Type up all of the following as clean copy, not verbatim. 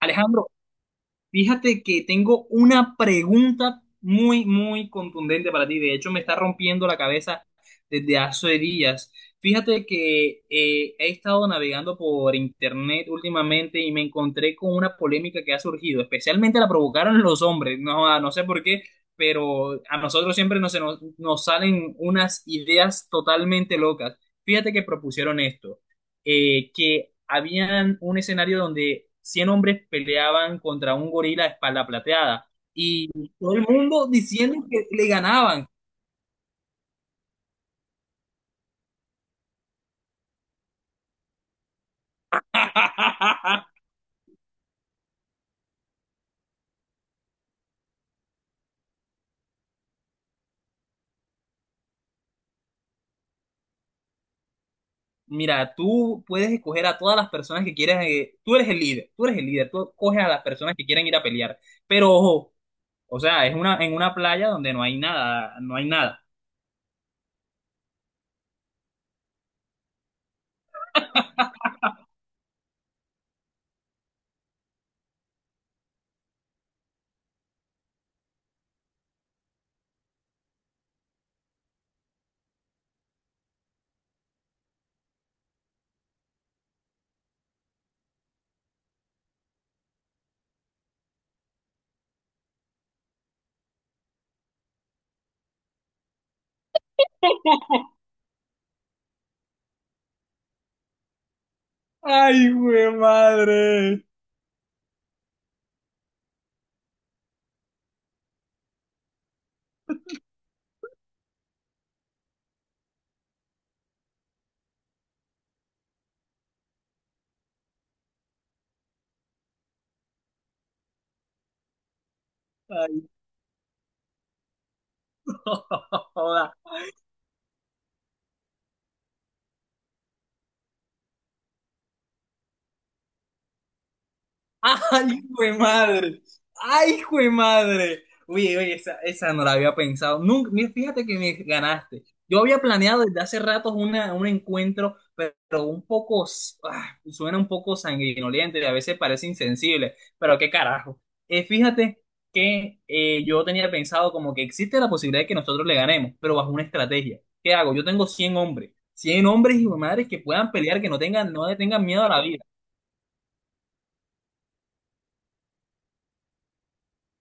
Alejandro, fíjate que tengo una pregunta muy, muy contundente para ti. De hecho, me está rompiendo la cabeza desde hace días. Fíjate que he estado navegando por internet últimamente y me encontré con una polémica que ha surgido. Especialmente la provocaron los hombres. No, no sé por qué, pero a nosotros siempre nos salen unas ideas totalmente locas. Fíjate que propusieron esto que habían un escenario donde 100 hombres peleaban contra un gorila de espalda plateada, y todo el mundo diciendo que le ganaban. Mira, tú puedes escoger a todas las personas que quieras. Tú eres el líder, tú coges a las personas que quieren ir a pelear. Pero ojo, o sea, es una, en una playa donde no hay nada, no hay nada. Ay, güey, madre. Ay, ¡Ay, jue madre! ¡Ay, jue madre! Oye, oye, esa no la había pensado. Nunca, mira, fíjate que me ganaste. Yo había planeado desde hace rato una, un encuentro, pero un poco, suena un poco sanguinoliente y a veces parece insensible, pero qué carajo. Fíjate que yo tenía pensado como que existe la posibilidad de que nosotros le ganemos, pero bajo una estrategia. ¿Qué hago? Yo tengo 100 hombres y madres que puedan pelear, que no tengan, no le tengan miedo a la vida.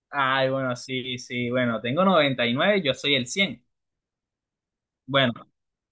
Ay, bueno, sí, sí, bueno, tengo 99. Yo soy el 100. Bueno,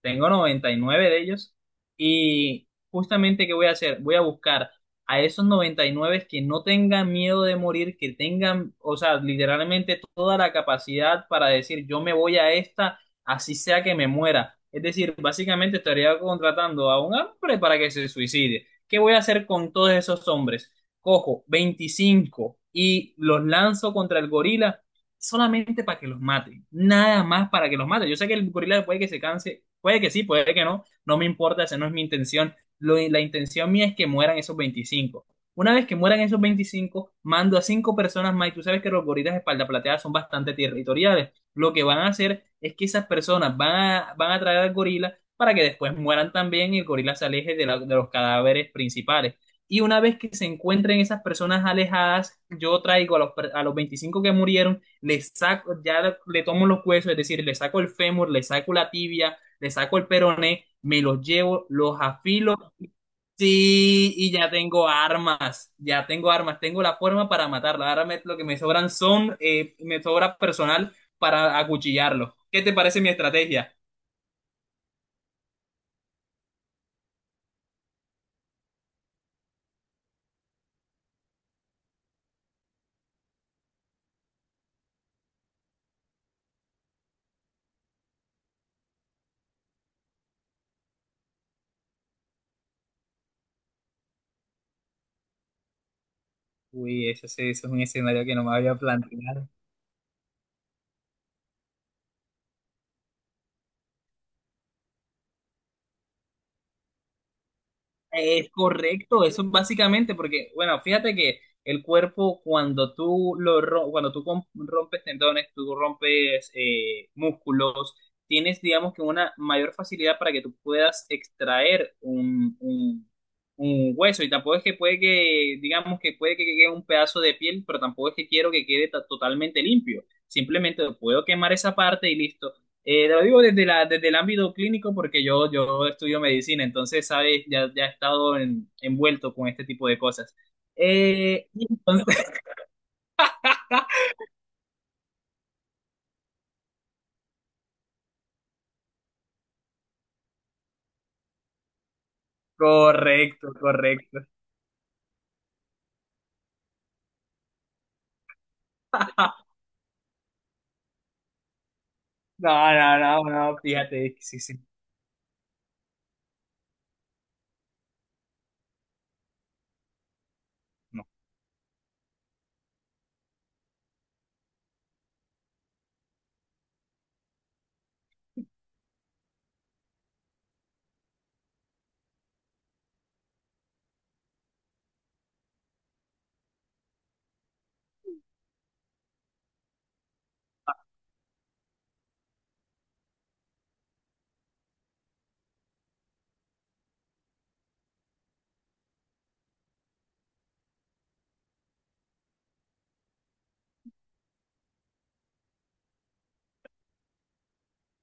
tengo 99 de ellos y justamente, ¿qué voy a hacer? Voy a buscar a esos 99 que no tengan miedo de morir, que tengan, o sea, literalmente toda la capacidad para decir yo me voy a esta, así sea que me muera. Es decir, básicamente estaría contratando a un hombre para que se suicide. ¿Qué voy a hacer con todos esos hombres? Cojo 25 y los lanzo contra el gorila solamente para que los mate, nada más para que los mate. Yo sé que el gorila puede que se canse, puede que sí, puede que no, no me importa, esa no es mi intención. La intención mía es que mueran esos veinticinco. Una vez que mueran esos veinticinco, mando a cinco personas más, y tú sabes que los gorilas de espalda plateada son bastante territoriales. Lo que van a hacer es que esas personas van a traer al gorila para que después mueran también y el gorila se aleje de, de los cadáveres principales. Y una vez que se encuentren esas personas alejadas, yo traigo a los, a los 25 que murieron, le saco, ya le tomo los huesos, es decir, le saco el fémur, le saco la tibia, le saco el peroné, me los llevo, los afilo, sí, y ya tengo armas, tengo la forma para matarla. Lo que me sobran son, me sobra personal para acuchillarlo. ¿Qué te parece mi estrategia? Uy, eso, sí, eso es un escenario que no me había planteado. Es correcto, eso es básicamente porque, bueno, fíjate que el cuerpo cuando tú cuando tú rompes tendones, tú rompes músculos, tienes, digamos que una mayor facilidad para que tú puedas extraer un hueso, y tampoco es que puede que, digamos que puede que quede un pedazo de piel, pero tampoco es que quiero que quede totalmente limpio. Simplemente puedo quemar esa parte y listo. Te lo digo desde la, desde el ámbito clínico porque yo estudio medicina, entonces, sabes, ya he estado envuelto con este tipo de cosas. Eh, y entonces, correcto, correcto. No, no, no, no, fíjate, sí, sí. No.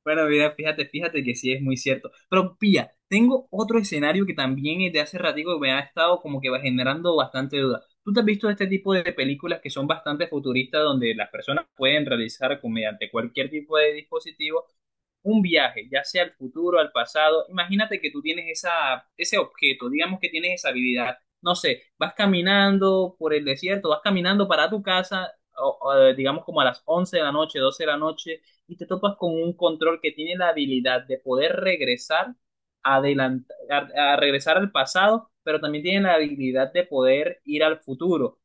Bueno, mira, fíjate, fíjate que sí es muy cierto. Pero pilla, tengo otro escenario que también desde hace ratico me ha estado como que va generando bastante duda. ¿Tú te has visto este tipo de películas que son bastante futuristas donde las personas pueden realizar mediante cualquier tipo de dispositivo un viaje, ya sea al futuro, al pasado? Imagínate que tú tienes esa, ese objeto, digamos que tienes esa habilidad, no sé, vas caminando por el desierto, vas caminando para tu casa, o, digamos, como a las 11 de la noche, 12 de la noche, y te topas con un control que tiene la habilidad de poder regresar, a regresar al pasado, pero también tiene la habilidad de poder ir al futuro,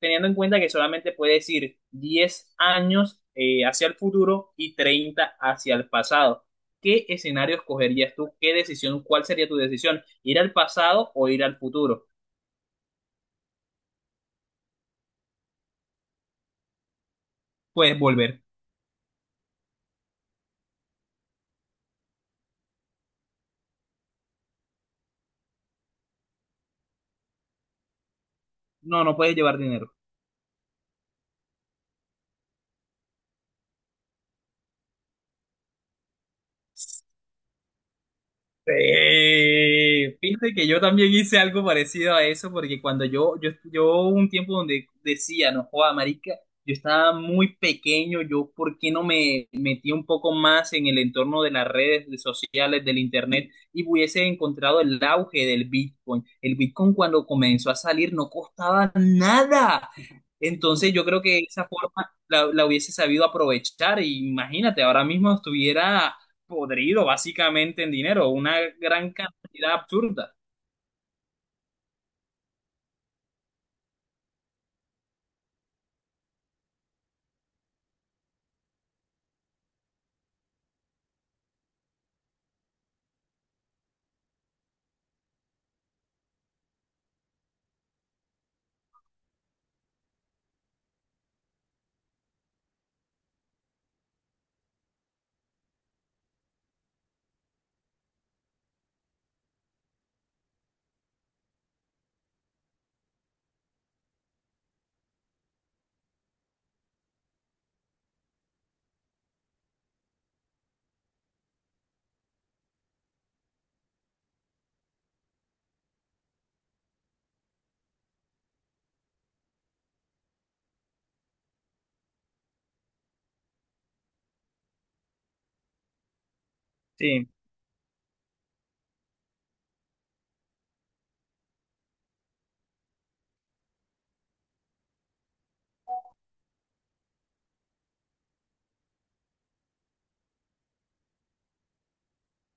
teniendo en cuenta que solamente puedes ir 10 años hacia el futuro y 30 hacia el pasado. ¿Qué escenario escogerías tú? ¿Qué decisión? ¿Cuál sería tu decisión? ¿Ir al pasado o ir al futuro? Puedes volver. No, no puedes llevar dinero. Fíjate que yo también hice algo parecido a eso, porque cuando yo hubo un tiempo donde decía, no joda, marica, yo estaba muy pequeño, yo por qué no me metí un poco más en el entorno de las redes sociales, del internet, y hubiese encontrado el auge del Bitcoin. El Bitcoin cuando comenzó a salir no costaba nada. Entonces yo creo que esa forma la hubiese sabido aprovechar. Y imagínate, ahora mismo estuviera podrido básicamente en dinero, una gran cantidad absurda. Sí,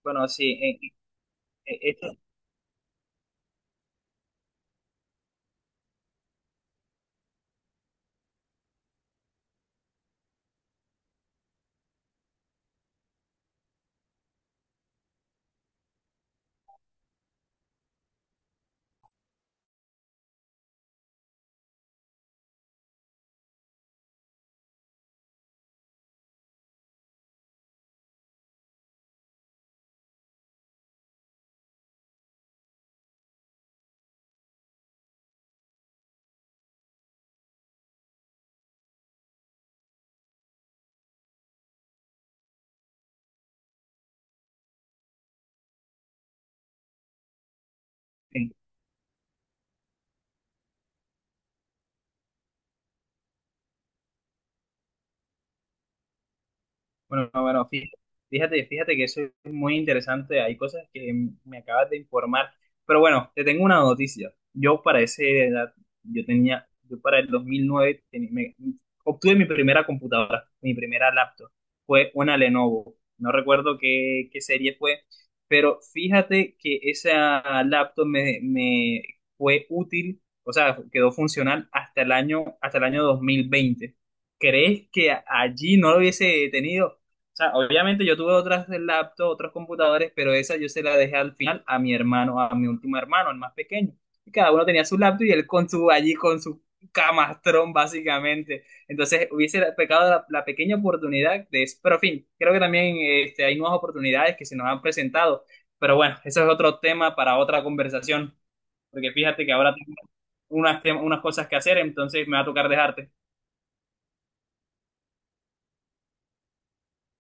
bueno, sí, eh, esto- sí. Bueno, no, bueno, fíjate, fíjate que eso es muy interesante. Hay cosas que me acabas de informar. Pero bueno, te tengo una noticia. Yo para esa edad, yo tenía, yo para el 2009 obtuve mi primera computadora, mi primera laptop. Fue una Lenovo. No recuerdo qué, qué serie fue, pero fíjate que esa laptop me fue útil, o sea, quedó funcional hasta el año 2020. ¿Crees que allí no lo hubiese tenido? O sea, obviamente yo tuve otras laptops, otros computadores, pero esa yo se la dejé al final a mi hermano, a mi último hermano, el más pequeño. Y cada uno tenía su laptop, y él con su, allí con su camastrón, básicamente. Entonces hubiese pecado la, la pequeña oportunidad de eso. Pero en fin, creo que también este, hay nuevas oportunidades que se nos han presentado. Pero bueno, eso es otro tema para otra conversación, porque fíjate que ahora tengo unas, unas cosas que hacer, entonces me va a tocar dejarte.